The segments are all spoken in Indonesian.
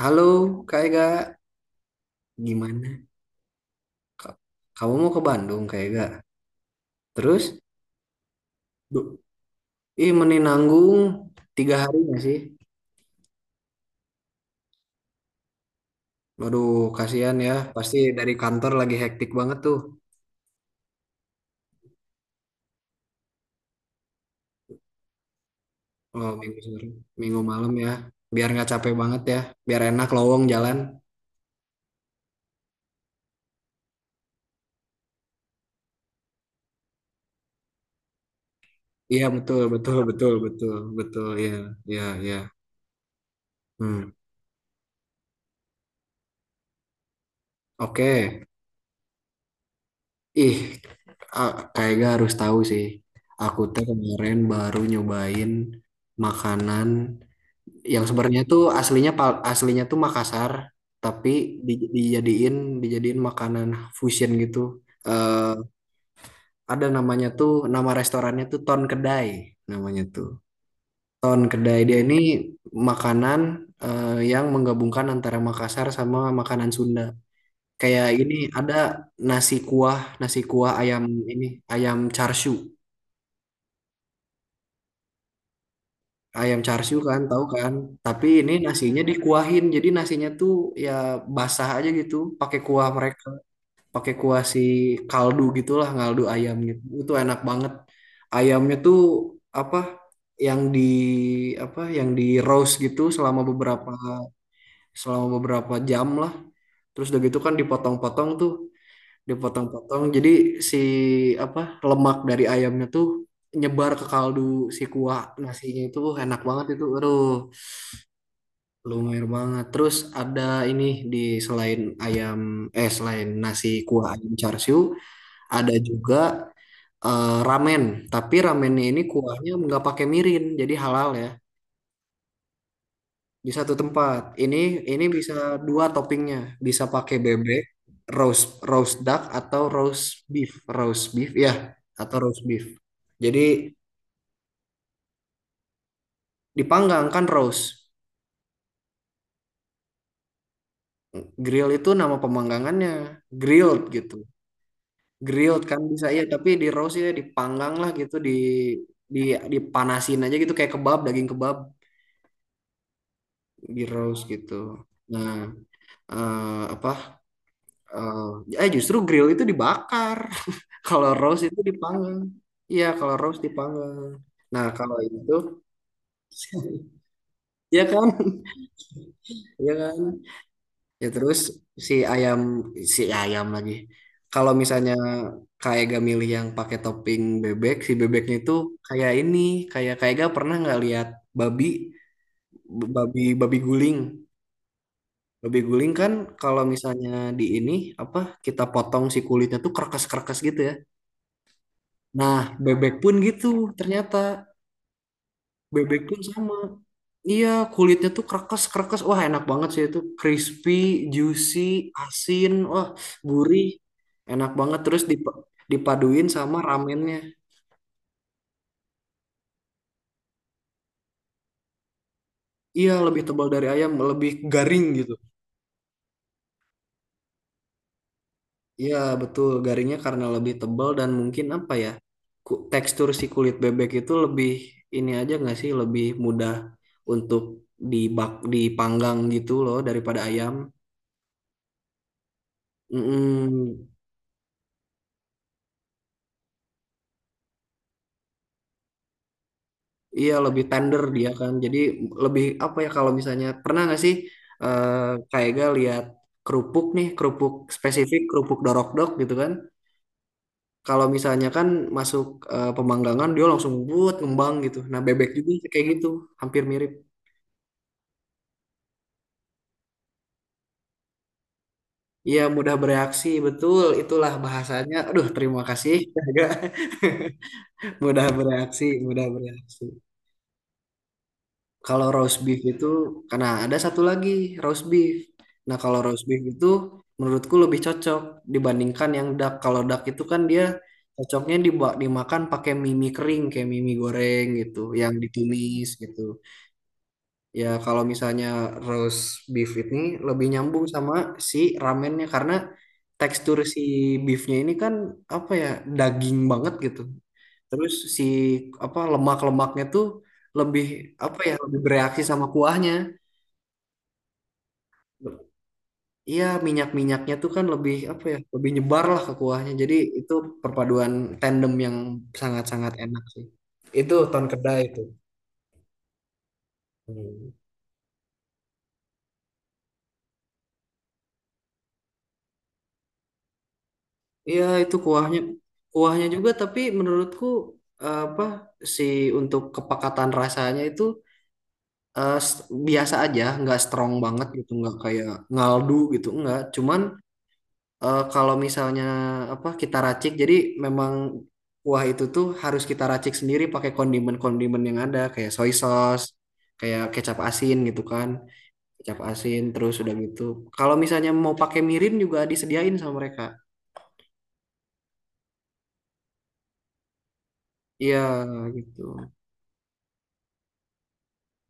Halo Kak Ega, gimana? Ka- Kamu mau ke Bandung, Kak Ega? Terus? Du- Ih meninanggung tiga hari nggak sih? Waduh, kasihan ya, pasti dari kantor lagi hektik banget tuh. Oh, minggu sore, minggu malam ya. Biar nggak capek banget ya, biar enak lowong jalan. Iya, betul betul betul betul betul, ya, ya, ya. Hmm. Oke. Ih Kak harus tahu sih. Aku tuh kemarin baru nyobain makanan yang sebenarnya tuh aslinya tuh Makassar, tapi dijadiin dijadiin makanan fusion gitu, eh ada namanya tuh, nama restorannya tuh Ton Kedai, namanya tuh Ton Kedai. Dia ini makanan, yang menggabungkan antara Makassar sama makanan Sunda, kayak ini ada nasi kuah ayam, ini ayam char siu ayam char siu, kan, tahu kan? Tapi ini nasinya dikuahin, jadi nasinya tuh ya basah aja gitu, pakai kuah mereka, pakai kuah kaldu gitulah, kaldu ayam gitu. Itu enak banget. Ayamnya tuh apa? Yang di Yang di roast gitu selama beberapa, jam lah. Terus udah gitu kan dipotong-potong tuh dipotong-potong. Jadi si apa, lemak dari ayamnya tuh nyebar ke kaldu, si kuah nasinya itu, enak banget itu. Aduh, lumayan banget. Terus ada ini, di selain ayam, selain nasi kuah ayam char siu ada juga, ramen. Tapi ramennya ini kuahnya nggak pakai mirin, jadi halal ya. Di satu tempat. Ini bisa dua toppingnya. Bisa pakai bebek, roast roast duck atau beef, roast beef ya, atau roast beef. Jadi dipanggang kan roast. Grill itu nama pemanggangannya, grilled gitu. Grilled kan bisa ya, tapi di roast ya dipanggang lah gitu, di dipanasin aja gitu kayak kebab, daging kebab di roast gitu. Nah, eh, apa Eh, eh justru grill itu dibakar. Kalau roast itu dipanggang. Iya, kalau roast dipanggang. Nah, kalau itu ya kan? Ya kan? Ya terus, si ayam si ayam lagi. Kalau misalnya kayak gak milih yang pakai topping bebek, si bebeknya itu kayak ini, kayak kayak gak pernah nggak lihat babi, babi guling. Babi guling kan kalau misalnya di ini apa, kita potong si kulitnya tuh kerkes-kerkes gitu ya. Nah, bebek pun gitu ternyata. Bebek pun sama. Iya, kulitnya tuh krekes-krekes. Wah, enak banget sih itu. Crispy, juicy, asin, wah, gurih. Enak banget terus dipaduin sama ramennya. Iya, lebih tebal dari ayam, lebih garing gitu. Iya, betul. Garingnya karena lebih tebal dan mungkin apa ya? Tekstur si kulit bebek itu lebih ini aja nggak sih? Lebih mudah untuk dipanggang gitu loh daripada ayam. Mm-mm. Iya, lebih tender dia kan. Jadi lebih apa ya, kalau misalnya pernah nggak sih, eh kayak gak lihat kerupuk nih, kerupuk spesifik kerupuk dorok-dok gitu kan. Kalau misalnya kan masuk, pemanggangan dia langsung buat ngembang gitu. Nah, bebek juga kayak gitu, hampir mirip. Iya mudah bereaksi, betul itulah bahasanya. Aduh, terima kasih. Mudah bereaksi, mudah bereaksi. Kalau roast beef itu, karena ada satu lagi roast beef. Nah, kalau roast beef itu menurutku lebih cocok dibandingkan yang duck. Kalau duck itu kan dia cocoknya dimakan pakai mie mie kering kayak mie mie goreng gitu, yang ditumis gitu. Ya, kalau misalnya roast beef ini lebih nyambung sama si ramennya, karena tekstur si beefnya ini kan, apa ya, daging banget gitu. Terus si apa, lemak-lemaknya tuh lebih, apa ya, lebih bereaksi sama kuahnya. Iya, minyak-minyaknya tuh kan lebih, apa ya, lebih nyebar lah ke kuahnya. Jadi itu perpaduan tandem yang sangat-sangat enak sih. Itu Ton Kedai itu. Hmm. Iya, itu kuahnya kuahnya juga, tapi menurutku, eh, apa si untuk kepekatan rasanya itu, eh, s- biasa aja, nggak strong banget gitu, nggak kayak ngaldu gitu, nggak. Cuman, kalau misalnya apa, kita racik, jadi memang kuah itu tuh harus kita racik sendiri pakai kondimen-kondimen yang ada, kayak soy sauce, kayak kecap asin gitu kan, kecap asin terus udah gitu. Kalau misalnya mau pakai mirin juga disediain sama mereka. Iya gitu.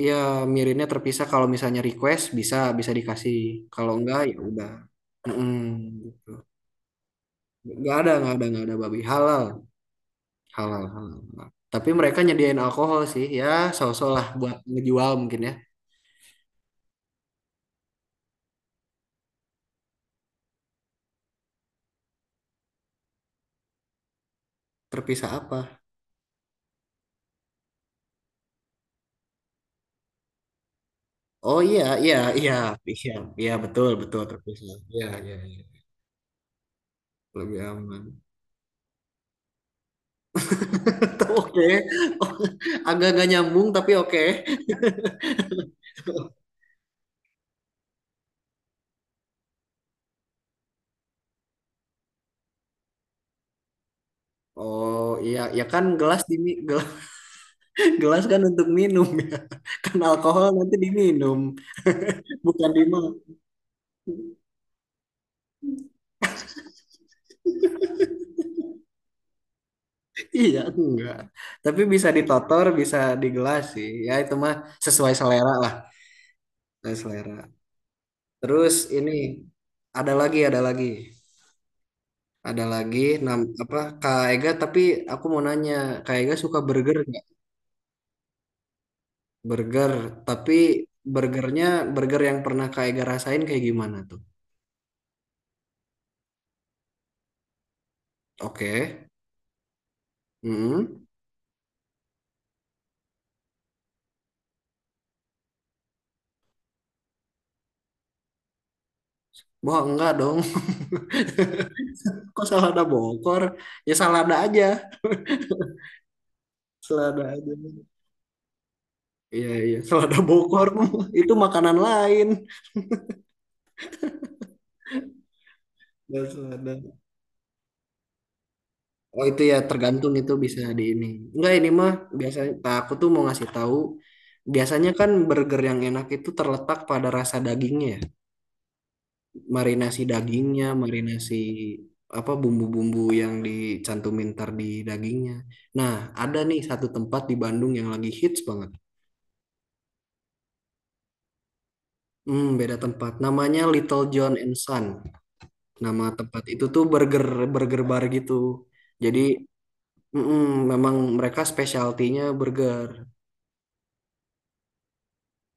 Iya, mirinnya terpisah. Kalau misalnya request bisa bisa dikasih. Kalau enggak ya udah. Mm-mm. Nggak ada, nggak ada, nggak ada babi halal. Halal, halal, halal. Tapi mereka nyediain alkohol sih ya, so-so lah buat ngejual mungkin ya. Terpisah apa Oh, iya, iya, iya, iya, iya, betul, betul, terpisah, iya, iya, iya, lebih aman. Oke. Oh, agak-agak nyambung tapi oke. Oh, iya ya kan, gelas. Gelas kan untuk minum ya, kan alkohol nanti diminum, bukan dimakan. Iya enggak, tapi bisa ditotor, bisa di gelas sih ya, itu mah sesuai selera lah, sesuai selera. Terus ini ada lagi, ada lagi, ada lagi. Apa, Kak Ega? Tapi aku mau nanya, Kak Ega suka burger nggak? Burger, tapi burgernya burger yang pernah Kak Ega rasain kayak gimana tuh? Oke. Hmm. Wah, enggak dong. Kok salada bokor? Ya salada aja, salada aja. Iya, iya, salada bokor itu makanan lain. Gak salada. Oh, itu ya tergantung, itu bisa di ini. Enggak, ini mah biasanya, nah, aku tuh mau ngasih tahu, biasanya kan burger yang enak itu terletak pada rasa dagingnya, ya. Marinasi dagingnya, marinasi apa, bumbu-bumbu yang dicantumin ntar di dagingnya. Nah, ada nih satu tempat di Bandung yang lagi hits banget. Hmm, beda tempat. Namanya Little John and Son. Nama tempat itu tuh burger, burger bar gitu. Jadi, mm-mm, memang mereka specialty-nya burger.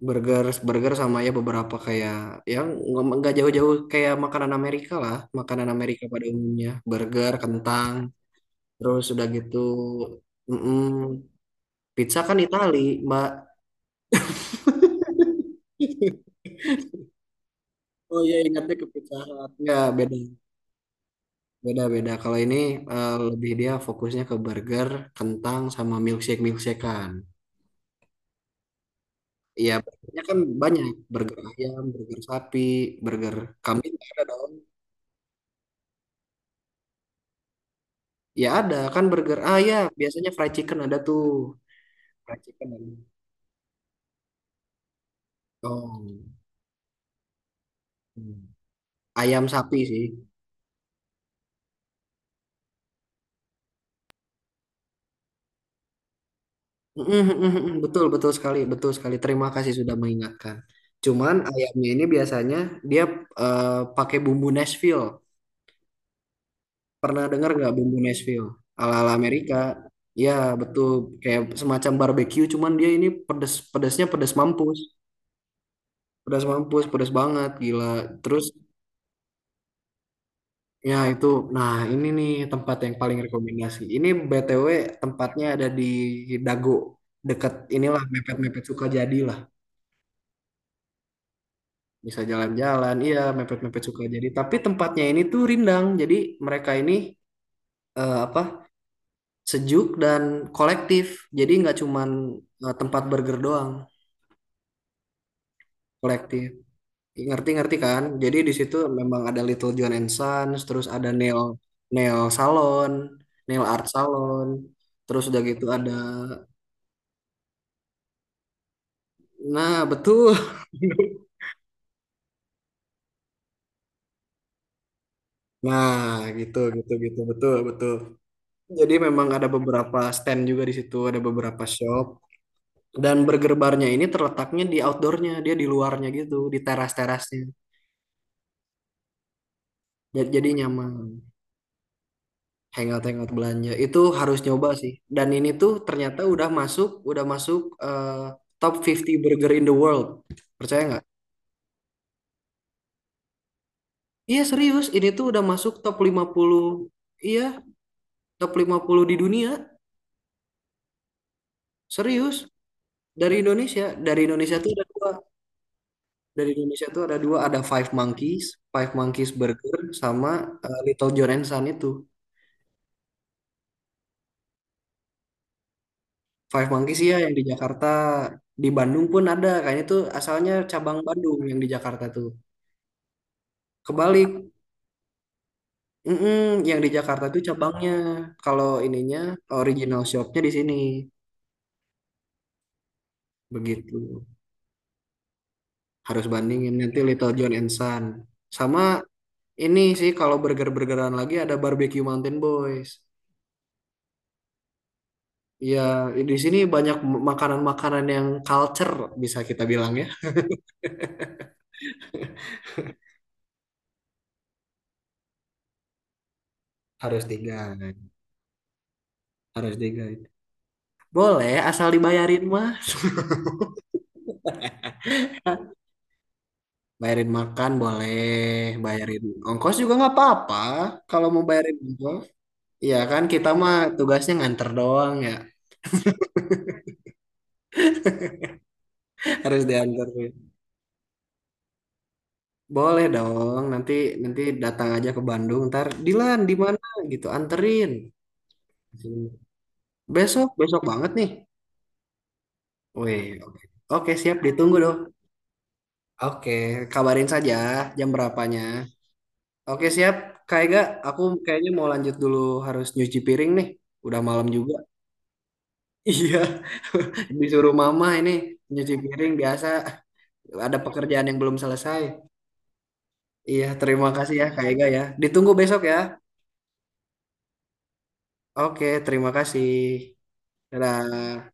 burger burger sama, ya beberapa kayak yang nggak jauh-jauh kayak makanan Amerika lah, makanan Amerika pada umumnya burger, kentang, terus udah gitu, mm-mm. Pizza kan Itali, Mbak. Oh, iya, ingatnya ke Pizza Hut, nggak, beda, beda, beda kalau ini, lebih dia fokusnya ke burger, kentang, sama milkshakean. Iya, burgernya kan banyak, burger ayam, burger sapi, burger kambing nggak ada dong. Ya ada kan burger. Ah ya, biasanya fried chicken ada tuh. Fried chicken ada. Oh. Hmm. Ayam sapi sih. Mm, mm, mm, mm, betul, betul sekali, betul sekali. Terima kasih sudah mengingatkan. Cuman ayamnya ini biasanya dia, eh, pakai bumbu Nashville. Pernah dengar nggak bumbu Nashville? Ala-ala Amerika. Ya, betul. Kayak semacam barbecue, cuman dia ini pedes, pedesnya pedes mampus. Pedas mampus, pedas banget, gila. Terus Ya itu, nah ini nih tempat yang paling rekomendasi. Ini BTW tempatnya ada di Dago, dekat inilah mepet-mepet Sukajadi lah. Bisa jalan-jalan, iya mepet-mepet Sukajadi. Tapi tempatnya ini tuh rindang, jadi mereka ini, eh, apa sejuk dan kolektif. Jadi nggak cuman, tempat burger doang, kolektif. Ngerti-ngerti kan? Jadi di situ memang ada Little John and Sons, terus ada nail nail salon, nail art salon. Terus udah gitu ada. Nah, betul. Nah, gitu gitu gitu, betul betul. Jadi memang ada beberapa stand juga di situ, ada beberapa shop, dan burger barnya ini terletaknya di outdoornya, dia di luarnya gitu, di teras-terasnya. Jadi nyaman, hangout-hangout belanja. Itu harus nyoba sih. Dan ini tuh ternyata udah masuk, udah masuk, eh, top 50 burger in the world. Percaya nggak? Iya serius, ini tuh udah masuk top 50. Iya, top 50 di dunia. Serius. Dari Indonesia tuh ada dua. Dari Indonesia tuh ada dua, ada Five Monkeys, Five Monkeys Burger sama, Little John and Son itu. Five Monkeys ya yang di Jakarta, di Bandung pun ada. Kayaknya tuh asalnya cabang Bandung yang di Jakarta tuh. Kebalik, mm yang di Jakarta tuh cabangnya. Kalau ininya original shopnya di sini, begitu. Harus bandingin nanti Little John and Son. Sama ini sih, kalau burger-burgeran lagi ada Barbecue Mountain Boys. Iya, di sini banyak makanan-makanan yang culture, bisa kita bilang ya. Harus digaet, harus digaet. Boleh, asal dibayarin mas. Bayarin makan boleh, bayarin ongkos juga nggak apa-apa. Kalau mau bayarin ongkos, iya kan kita mah tugasnya nganter doang ya. Harus dianterin. Boleh dong, nanti, datang aja ke Bandung. Ntar Dilan di mana gitu, anterin. Besok, besok banget nih. Wih, oke. Oke, siap ditunggu dong. Oke, kabarin saja jam berapanya. Oke, siap. Kak Ega, aku kayaknya mau lanjut dulu, harus nyuci piring nih. Udah malam juga. Iya, disuruh mama ini nyuci piring biasa. Ada pekerjaan yang belum selesai. Iya, terima kasih ya Kak Ega ya. Ditunggu besok ya. Oke, terima kasih. Dadah.